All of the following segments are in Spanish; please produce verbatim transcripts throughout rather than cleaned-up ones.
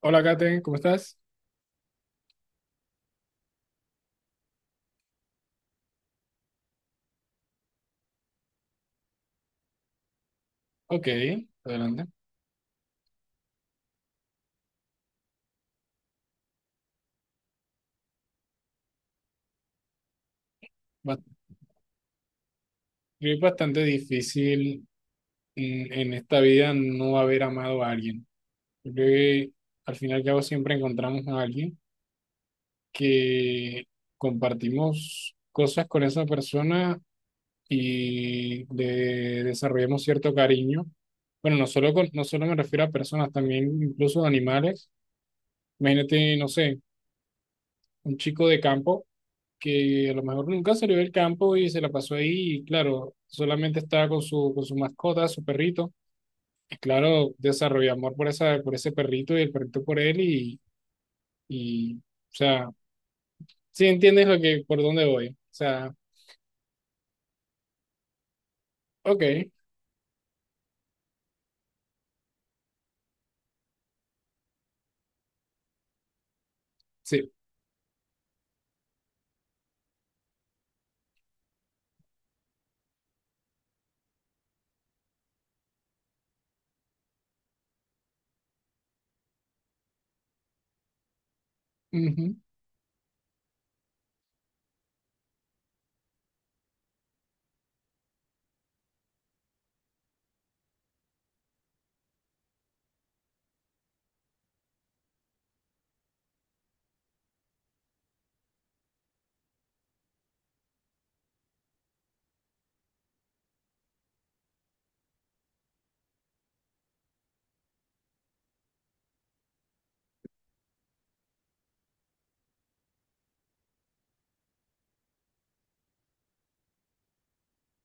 Hola, Kate, ¿cómo estás? Ok, adelante. Ba- Es bastante difícil en, en esta vida no haber amado a alguien. Yo creo que al final y al cabo siempre encontramos a alguien que compartimos cosas con esa persona y le desarrollamos cierto cariño. Bueno, no solo, con- no solo me refiero a personas, también incluso a animales. Imagínate, no sé, un chico de campo que a lo mejor nunca salió del campo y se la pasó ahí y claro, solamente estaba con su, con su mascota, su perrito. Y claro, desarrolló amor por esa, por ese perrito y el perrito por él y, y o sea, sí entiendes lo que, por dónde voy. O sea, ok, sí, ujú,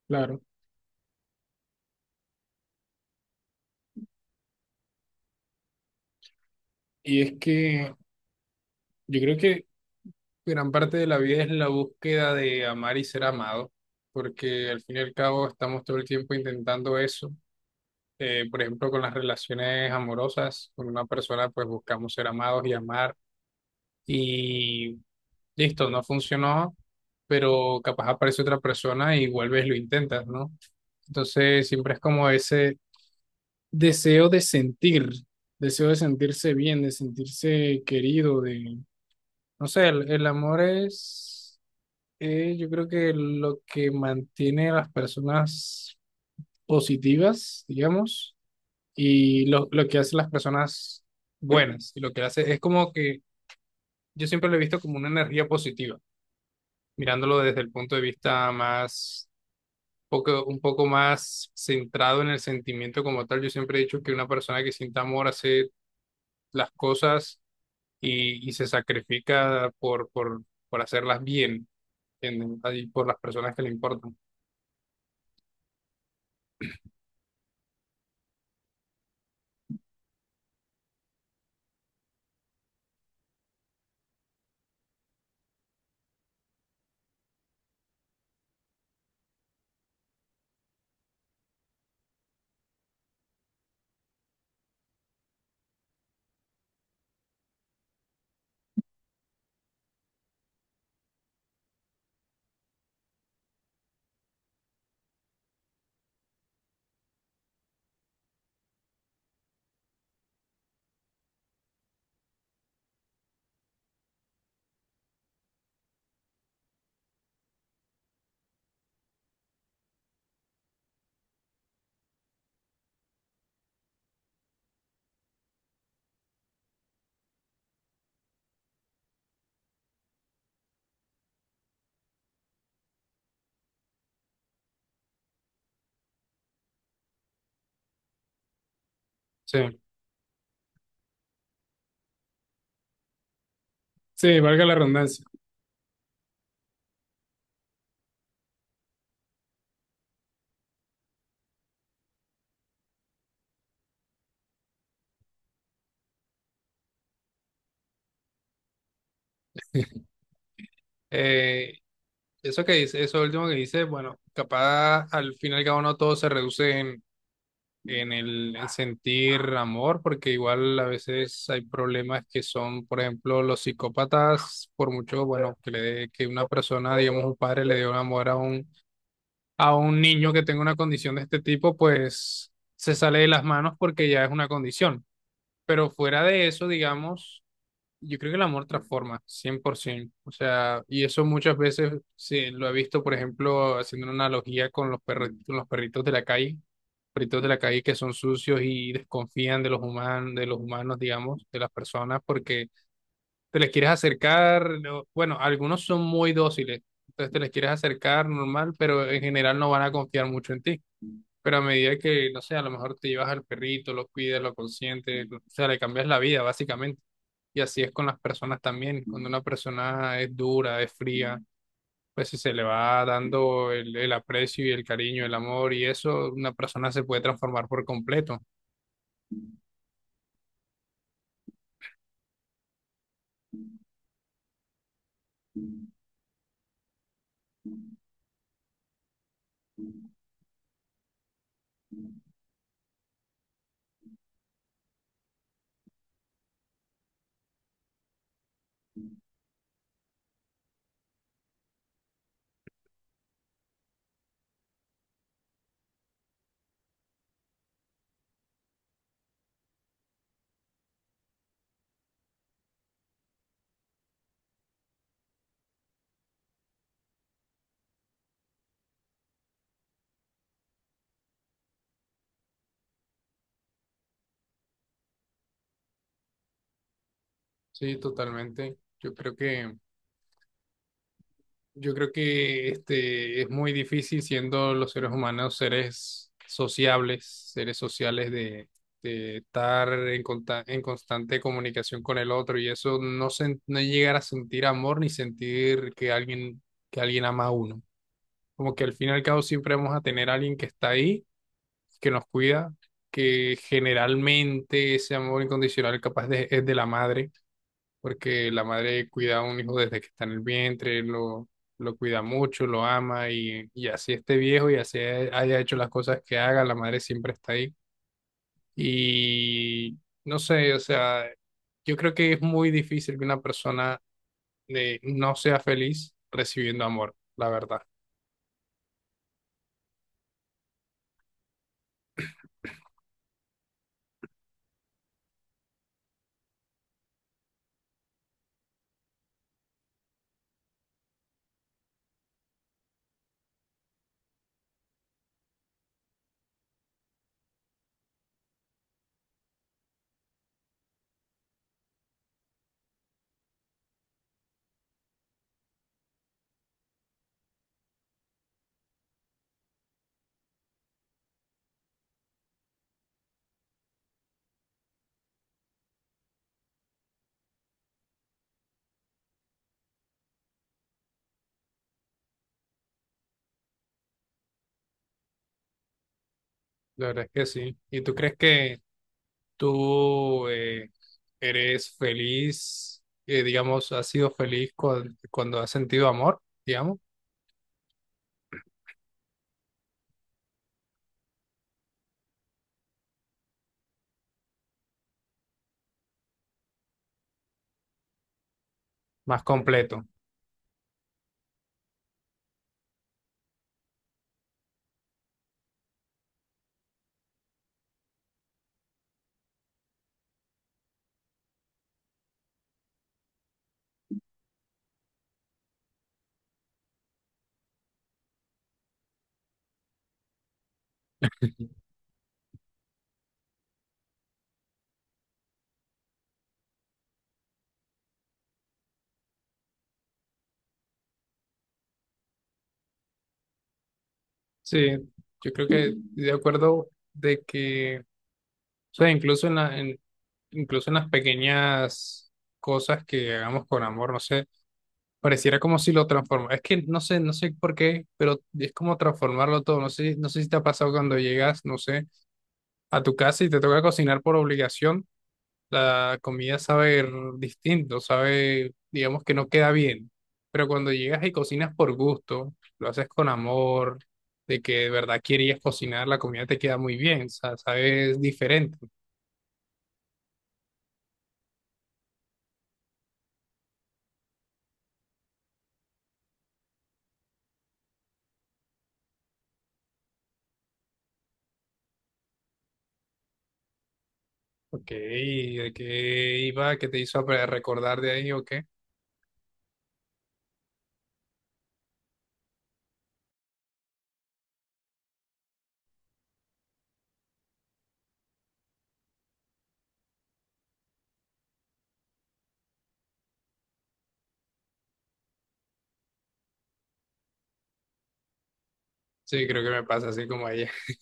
claro. Y es que yo creo que gran parte de la vida es la búsqueda de amar y ser amado, porque al fin y al cabo estamos todo el tiempo intentando eso. Eh, por ejemplo, con las relaciones amorosas, con una persona pues buscamos ser amados y amar y listo, no funcionó, pero capaz aparece otra persona y vuelves y lo intentas, ¿no? Entonces siempre es como ese deseo de sentir, deseo de sentirse bien, de sentirse querido, de, no sé, el, el amor es, eh, yo creo que lo que mantiene a las personas positivas, digamos. Y lo, lo que hacen las personas buenas y lo que hace es como que yo siempre lo he visto como una energía positiva, mirándolo desde el punto de vista más, poco, un poco más centrado en el sentimiento como tal. Yo siempre he dicho que una persona que siente amor hace las cosas y, y se sacrifica por, por, por hacerlas bien, ¿entienden? Ahí por las personas que le importan. Sí, sí, valga la redundancia. Eh, Eso que dice, eso último que dice, bueno, capaz al final y al cabo no todo se reduce en el, el sentir amor, porque igual a veces hay problemas que son, por ejemplo, los psicópatas, por mucho, bueno, que, le dé- que una persona, digamos, un padre le dé un amor a un, a un niño que tenga una condición de este tipo, pues se sale de las manos porque ya es una condición. Pero fuera de eso, digamos, yo creo que el amor transforma, cien por ciento. O sea, y eso muchas veces sí, lo he visto, por ejemplo, haciendo una analogía con los perri- con los perritos de la calle, perritos de la calle que son sucios y desconfían de los humanos, de los humanos, digamos, de las personas, porque te les quieres acercar, no- bueno, algunos son muy dóciles, entonces te les quieres acercar normal, pero en general no van a confiar mucho en ti. Pero a medida que, no sé, a lo mejor te llevas al perrito, lo cuidas, lo consientes, o sea, le cambias la vida, básicamente. Y así es con las personas también. Cuando una persona es dura, es fría, pues si se le va dando el, el aprecio y el cariño, el amor y eso, una persona se puede transformar por completo. Sí, totalmente. Yo creo que, yo creo que este es muy difícil siendo los seres humanos seres sociables, seres sociales de, de estar en, conta- en constante comunicación con el otro y eso no sen- no llegar a sentir amor ni sentir que alguien que alguien ama a uno. Como que al fin y al cabo siempre vamos a tener a alguien que está ahí, que nos cuida, que generalmente ese amor incondicional capaz de, es de la madre porque la madre cuida a un hijo desde que está en el vientre, lo, lo cuida mucho, lo ama y, y así esté viejo y así haya haya hecho las cosas que haga, la madre siempre está ahí. Y no sé, o sea, yo creo que es muy difícil que una persona eh, no sea feliz recibiendo amor, la verdad. La verdad es que sí. ¿Y tú crees que tú eh, eres feliz, eh, digamos, has sido feliz cuan- cuando has sentido amor, digamos, más completo? Sí, yo creo que estoy de acuerdo de que, o sea, incluso en la, en, incluso en las pequeñas cosas que hagamos con amor, no sé, pareciera como si lo transformara. Es que no sé, no sé por qué, pero es como transformarlo todo. No sé, no sé si te ha pasado cuando llegas, no sé, a tu casa y te toca cocinar por obligación. La comida sabe r- distinto, sabe, digamos que no queda bien. Pero cuando llegas y cocinas por gusto, lo haces con amor, de que de verdad querías cocinar, la comida te queda muy bien, o sea, sabes diferente. Ok, ¿de qué iba? ¿Qué te hizo pre- recordar de ahí o qué? Sí, creo que me pasa así como a ella.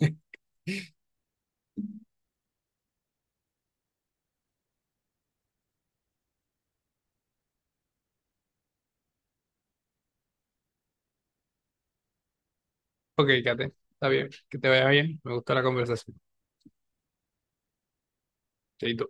Ok, Kate, está bien, que te vaya bien, me gustó la conversación. Chaito.